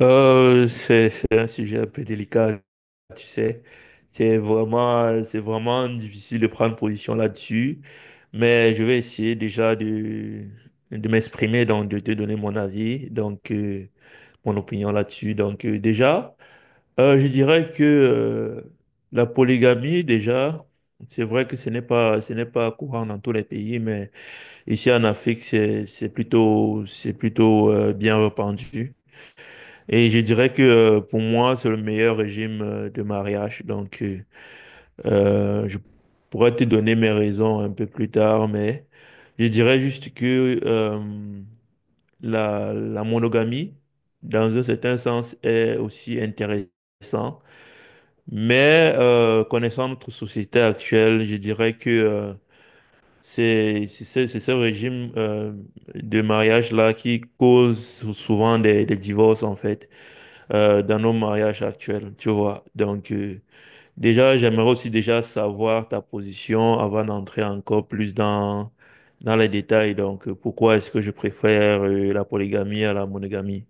C'est un sujet un peu délicat, tu sais. C'est vraiment difficile de prendre position là-dessus, mais je vais essayer déjà de m'exprimer, donc de te donner mon avis, donc mon opinion là-dessus. Donc déjà, je dirais que la polygamie, déjà, c'est vrai que ce n'est pas courant dans tous les pays, mais ici en Afrique, c'est plutôt, bien répandu. Et je dirais que pour moi, c'est le meilleur régime de mariage. Donc, je pourrais te donner mes raisons un peu plus tard, mais je dirais juste que la monogamie, dans un certain sens, est aussi intéressant. Mais connaissant notre société actuelle, je dirais que c'est ce régime de mariage-là qui cause souvent des divorces, en fait, dans nos mariages actuels, tu vois. Donc, déjà, j'aimerais aussi déjà savoir ta position avant d'entrer encore plus dans les détails. Donc, pourquoi est-ce que je préfère la polygamie à la monogamie?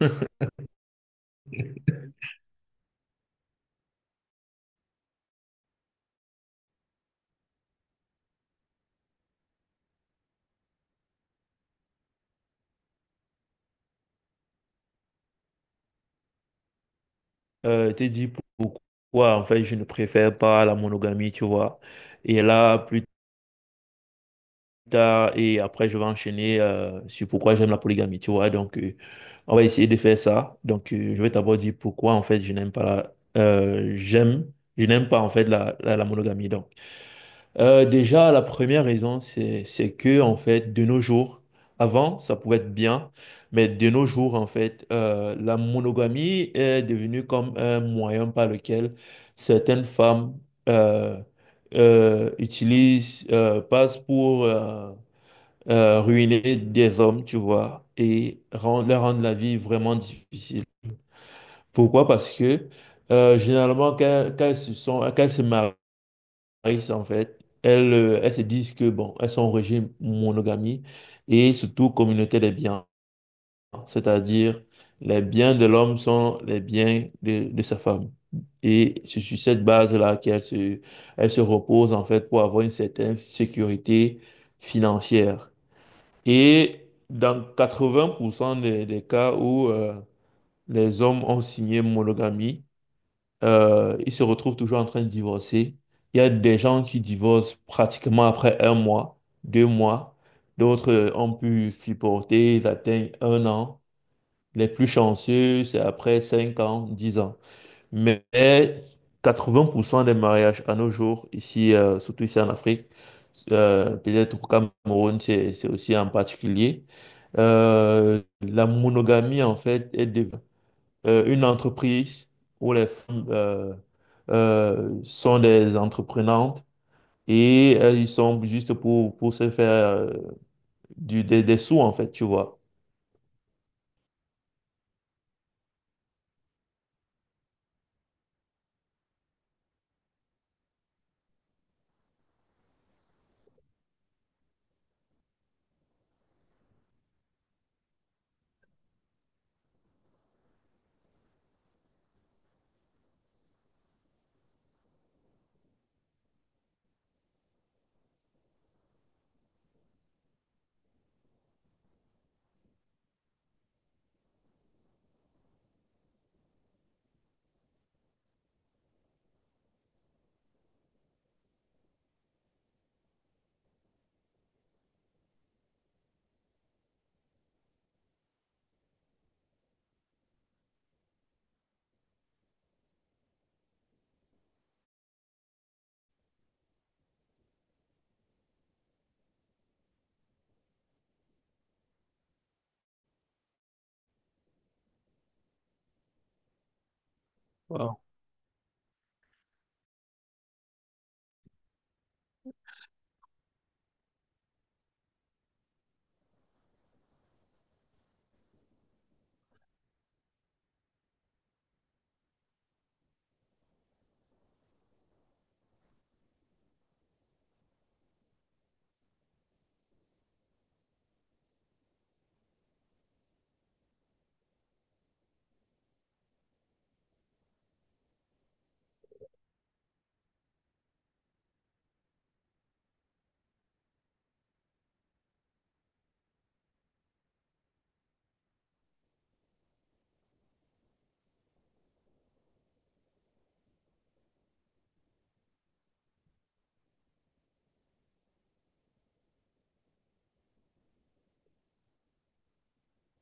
T'es dit pourquoi, en fait, je ne préfère pas la monogamie, tu vois. Et là, plus tard et après je vais enchaîner sur pourquoi j'aime la polygamie, tu vois. Donc on va essayer de faire ça. Donc je vais d'abord dire pourquoi en fait je n'aime pas j'aime je n'aime pas en fait la monogamie. Donc, déjà la première raison c'est que en fait de nos jours avant ça pouvait être bien mais de nos jours en fait la monogamie est devenue comme un moyen par lequel certaines femmes euh, utilisent passent pour ruiner des hommes, tu vois, et leur rendre la vie vraiment difficile. Pourquoi? Parce que généralement, quand elles se marient, en fait, elles se disent que, bon, elles sont en régime monogamie et surtout communauté des biens, c'est-à-dire les biens de l'homme sont les biens de sa femme. Et c'est sur cette base-là elles se reposent, en fait, pour avoir une certaine sécurité financière. Et dans 80% des cas où les hommes ont signé monogamie, ils se retrouvent toujours en train de divorcer. Il y a des gens qui divorcent pratiquement après un mois, deux mois. D'autres ont pu supporter, ils atteignent un an. Les plus chanceux, c'est après cinq ans, dix ans. Mais 80% des mariages à nos jours, ici, surtout ici en Afrique, peut-être au Cameroun, c'est aussi en particulier, la monogamie, en fait, est devenue une entreprise où les femmes sont des entreprenantes et ils sont juste pour se faire des sous, en fait, tu vois.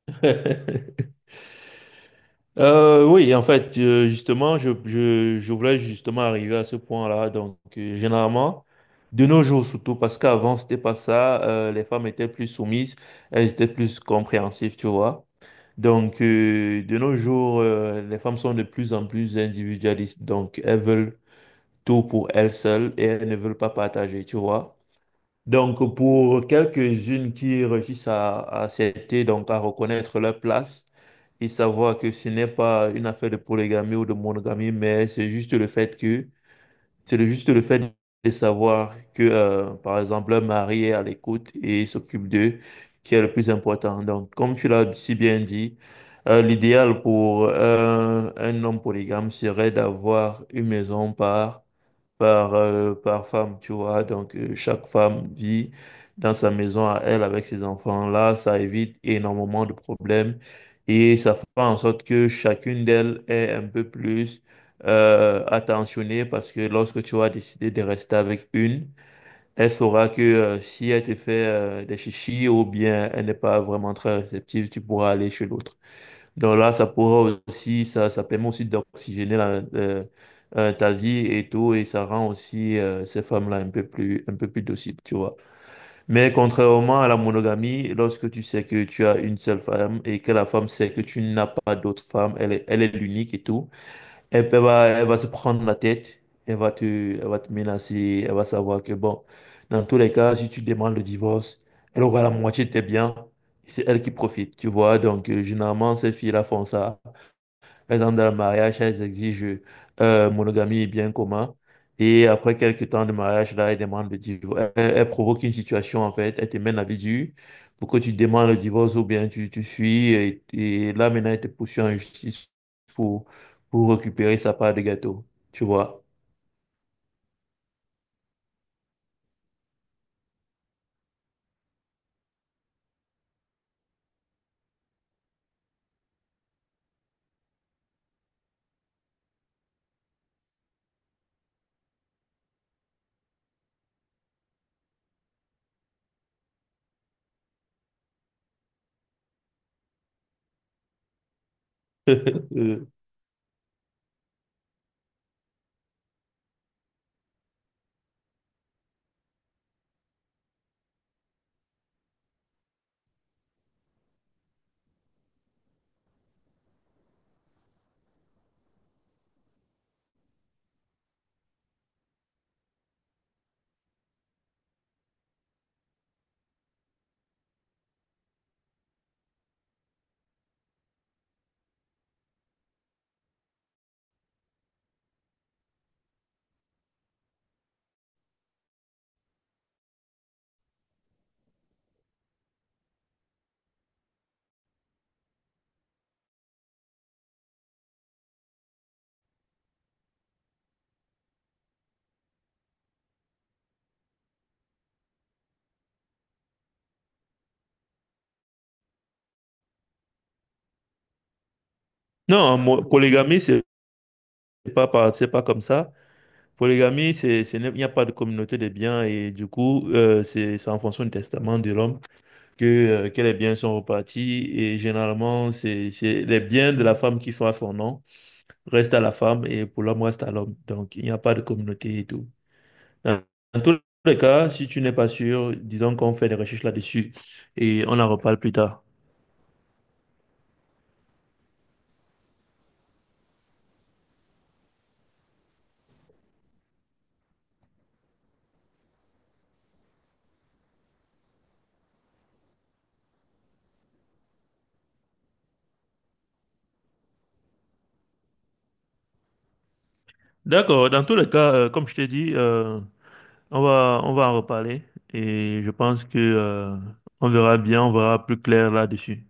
Oui, en fait, justement, je voulais justement arriver à ce point-là. Donc, généralement, de nos jours surtout, parce qu'avant, c'était pas ça, les femmes étaient plus soumises, elles étaient plus compréhensives, tu vois. Donc, de nos jours, les femmes sont de plus en plus individualistes. Donc, elles veulent tout pour elles seules et elles ne veulent pas partager, tu vois. Donc, pour quelques-unes qui réussissent à accepter, donc à reconnaître leur place et savoir que ce n'est pas une affaire de polygamie ou de monogamie, mais c'est juste le fait que, juste le fait de savoir que, par exemple, leur mari est à l'écoute et s'occupe d'eux, qui est le plus important. Donc, comme tu l'as si bien dit, l'idéal pour un homme polygame serait d'avoir une maison par femme, tu vois. Donc, chaque femme vit dans sa maison à elle avec ses enfants-là. Ça évite énormément de problèmes et ça fait en sorte que chacune d'elles est un peu plus attentionnée parce que lorsque tu vas décider de rester avec une, elle saura que si elle te fait des chichis ou bien elle n'est pas vraiment très réceptive, tu pourras aller chez l'autre. Donc là, ça permet aussi d'oxygéner ta vie et tout, et ça rend aussi ces femmes-là un peu plus dociles, tu vois. Mais contrairement à la monogamie, lorsque tu sais que tu as une seule femme et que la femme sait que tu n'as pas d'autres femmes, elle est l'unique et tout, elle va se prendre la tête, elle va te menacer, elle va savoir que bon, dans tous les cas, si tu demandes le divorce, elle aura la moitié de tes biens. C'est elle qui profite, tu vois. Donc, généralement, ces filles-là font ça par exemple, dans le mariage, elles exigent monogamie et bien commun. Et après quelques temps de mariage, là, elles demandent le divorce. Elles provoquent une situation, en fait. Elles te mènent la vie dure pour que tu demandes le divorce ou bien tu fuis. Et là, maintenant, elles te poursuivent en justice pour, pour récupérer sa part de gâteau. Tu vois? Euh, Non, polygamie, c'est pas comme ça. Polygamie, il n'y a pas de communauté des biens et du coup, c'est en fonction du testament de l'homme. que, que les biens sont repartis et généralement, c'est les biens de la femme qui sont à son nom restent à la femme et pour l'homme reste à l'homme. Donc, il n'y a pas de communauté et tout. Dans, dans tous les cas, si tu n'es pas sûr, disons qu'on fait des recherches là-dessus et on en reparle plus tard. D'accord, dans tous les cas, comme je t'ai dit, on va en reparler et je pense que, on verra bien, on verra plus clair là-dessus.